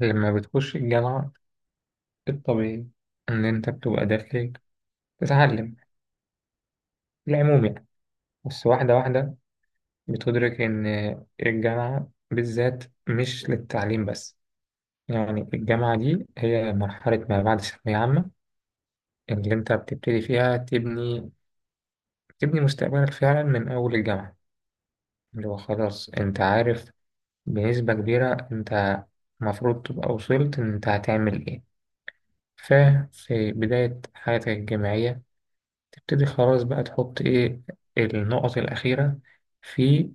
لما بتخش الجامعة، الطبيعي إن أنت بتبقى داخل تتعلم في العموم، يعني بس واحدة واحدة بتدرك إن الجامعة بالذات مش للتعليم بس. يعني الجامعة دي هي مرحلة ما بعد ثانوية عامة اللي أنت بتبتدي فيها تبني مستقبلك فعلا من أول الجامعة، اللي هو خلاص أنت عارف بنسبة كبيرة أنت المفروض تبقى وصلت إن أنت هتعمل إيه. ففي بداية حياتك الجامعية تبتدي خلاص بقى تحط ايه النقط الأخيرة في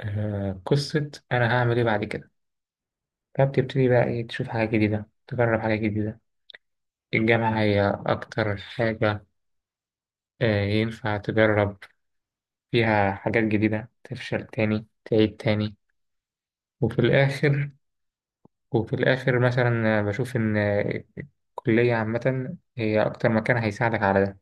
قصة أنا هعمل ايه بعد كده. فبتبتدي بقى ايه، تشوف حاجة جديدة، تجرب حاجة جديدة. الجامعة هي أكتر حاجة ينفع تجرب فيها حاجات جديدة، تفشل تاني، تعيد تاني. وفي الآخر وفي الآخر مثلا بشوف إن الكلية عامة هي أكتر مكان هيساعدك على ده.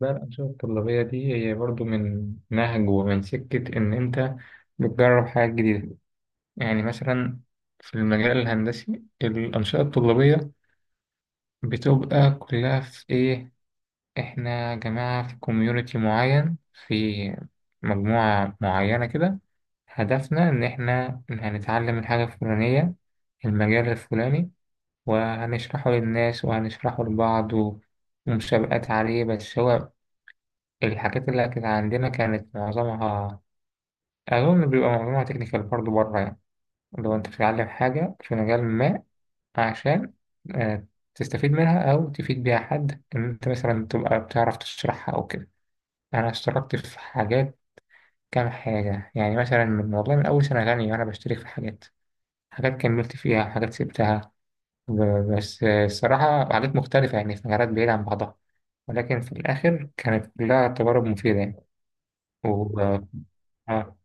بقى الأنشطة الطلابية دي هي برضو من نهج ومن سكة إن أنت بتجرب حاجات جديدة. يعني مثلا في المجال الهندسي الأنشطة الطلابية بتبقى كلها في إيه، إحنا يا جماعة في كوميونيتي معين، في مجموعة معينة كده، هدفنا إن إحنا هنتعلم الحاجة الفلانية، المجال الفلاني، وهنشرحه للناس وهنشرحه لبعض ومسابقات عليه. بس هو الحاجات اللي كانت عندنا كانت معظمها، أظن بيبقى معظمها تكنيكال برضه، بره يعني. لو أنت بتتعلم حاجة في مجال ما عشان آه، تستفيد منها أو تفيد بيها حد، إن أنت مثلا تبقى بتعرف تشرحها أو كده. أنا اشتركت في حاجات، كام حاجة يعني، مثلا من والله من أول سنة تانية وأنا بشترك في حاجات، حاجات كملت فيها، حاجات سبتها، بس الصراحة حاجات مختلفة يعني في مجالات بعيدة عن بعضها، ولكن في الآخر كانت كلها تجارب مفيدة يعني. و... آه،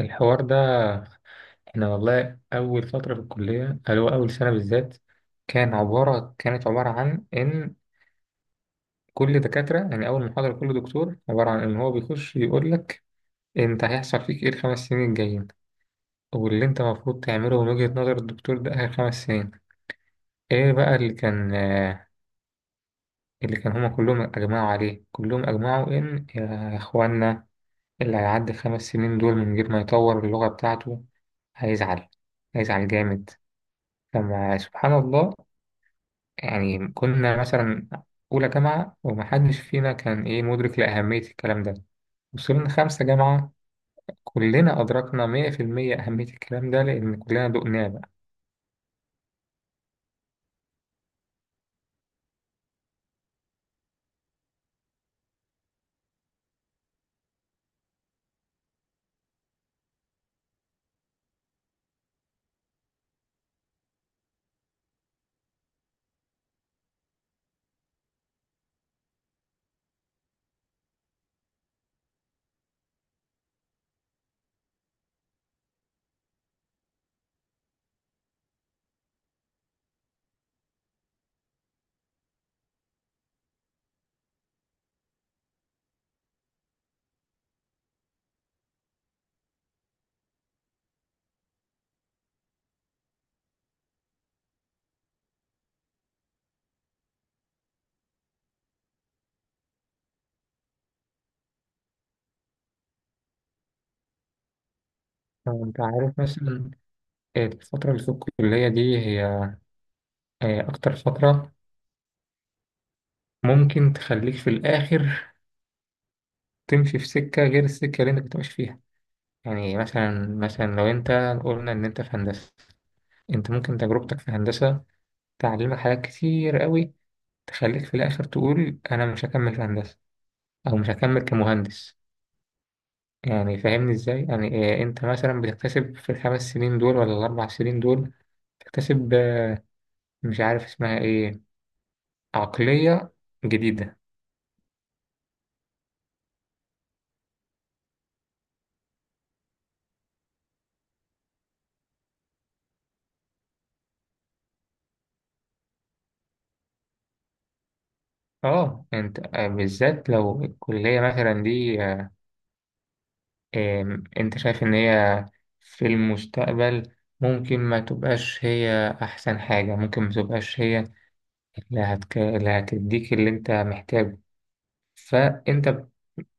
الحوار ده احنا والله اول فتره في الكليه، اللي هو اول سنه بالذات، كانت عباره عن ان كل دكاتره، يعني اول محاضره، كل دكتور عباره عن ان هو بيخش يقول لك: انت هيحصل فيك ايه الـ5 سنين الجايين، واللي انت المفروض تعمله من وجهه نظر الدكتور ده اخر 5 سنين. ايه بقى اللي كان هما كلهم اجمعوا عليه، كلهم اجمعوا ان يا اخوانا اللي هيعدي الـ5 سنين دول من غير ما يطور اللغه بتاعته هيزعل، هيزعل جامد. لما سبحان الله، يعني كنا مثلا أولى جامعة ومحدش فينا كان إيه مدرك لأهمية الكلام ده. وصلنا 5 جامعة، كلنا أدركنا 100% أهمية الكلام ده لأن كلنا دقناه بقى. أنت عارف مثلا الفترة اللي في الكلية دي هي أكتر فترة ممكن تخليك في الآخر تمشي في سكة غير السكة اللي أنت كنت ماشي فيها. يعني مثلا، لو أنت قلنا إن أنت في هندسة، أنت ممكن تجربتك في هندسة تعلمك حاجات كتير قوي، تخليك في الآخر تقول أنا مش هكمل في هندسة، أو مش هكمل كمهندس. يعني فاهمني إزاي؟ يعني إيه، أنت مثلا بتكتسب في الـ5 سنين دول ولا الـ4 سنين دول، تكتسب مش عارف اسمها إيه، عقلية جديدة. اه، انت بالذات لو الكلية مثلا دي آه، آم، انت شايف ان هي في المستقبل ممكن ما تبقاش هي احسن حاجة، ممكن ما تبقاش هي اللي هتديك اللي انت محتاجه. فانت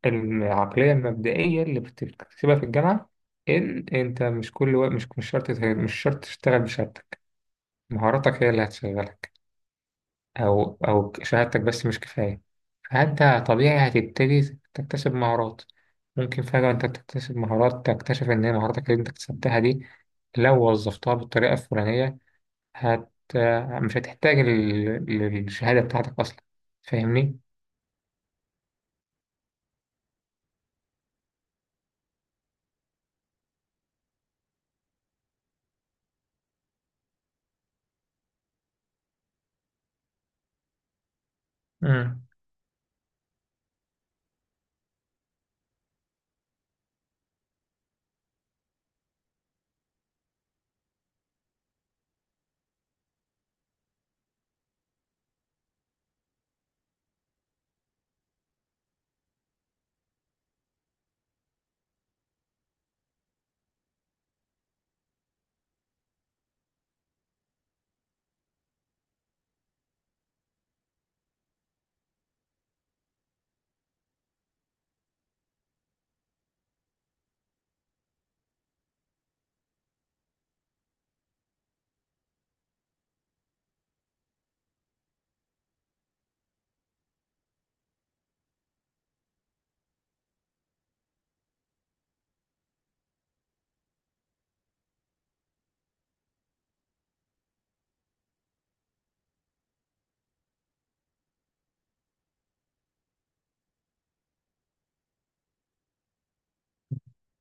العقلية المبدئية اللي بتكتسبها في الجامعة إن أنت مش كل وقت، مش شرط تشتغل بشهادتك. مهاراتك هي اللي هتشغلك، أو شهادتك بس مش كفاية. فأنت طبيعي هتبتدي تكتسب مهارات، ممكن فجأة أنت تكتسب مهارات تكتشف إن هي مهاراتك اللي أنت اكتسبتها دي، لو وظفتها بالطريقة الفلانية هت مش هتحتاج للشهادة بتاعتك أصلا. فاهمني؟ امم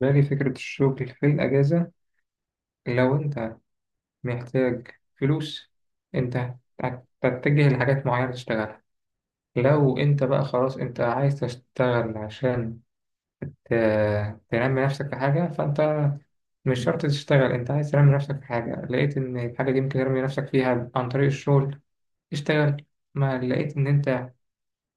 باقي فكرة الشغل في الأجازة. لو أنت محتاج فلوس، أنت هتتجه لحاجات معينة تشتغلها. لو أنت بقى خلاص أنت عايز تشتغل عشان تنمي نفسك في حاجة، فأنت مش شرط تشتغل. أنت عايز تنمي نفسك في حاجة، لقيت إن الحاجة دي ممكن تنمي نفسك فيها عن طريق الشغل، اشتغل. ما لقيت إن أنت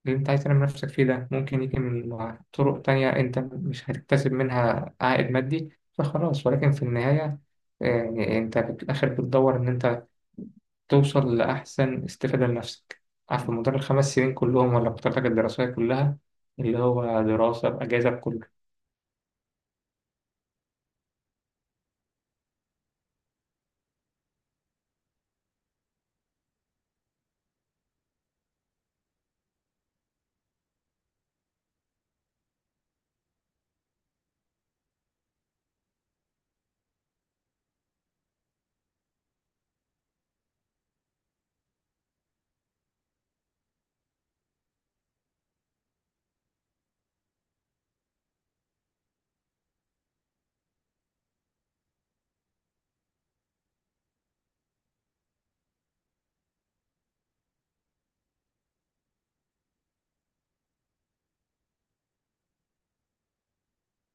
اللي أنت عايز تنمي نفسك فيه ده ممكن يجي من طرق تانية أنت مش هتكتسب منها عائد مادي، فخلاص، ولكن في النهاية يعني أنت في الآخر بتدور إن أنت توصل لأحسن استفادة لنفسك. عارف، مدار الـ5 سنين كلهم ولا بطاقتك الدراسية كلها، اللي هو دراسة بأجازة.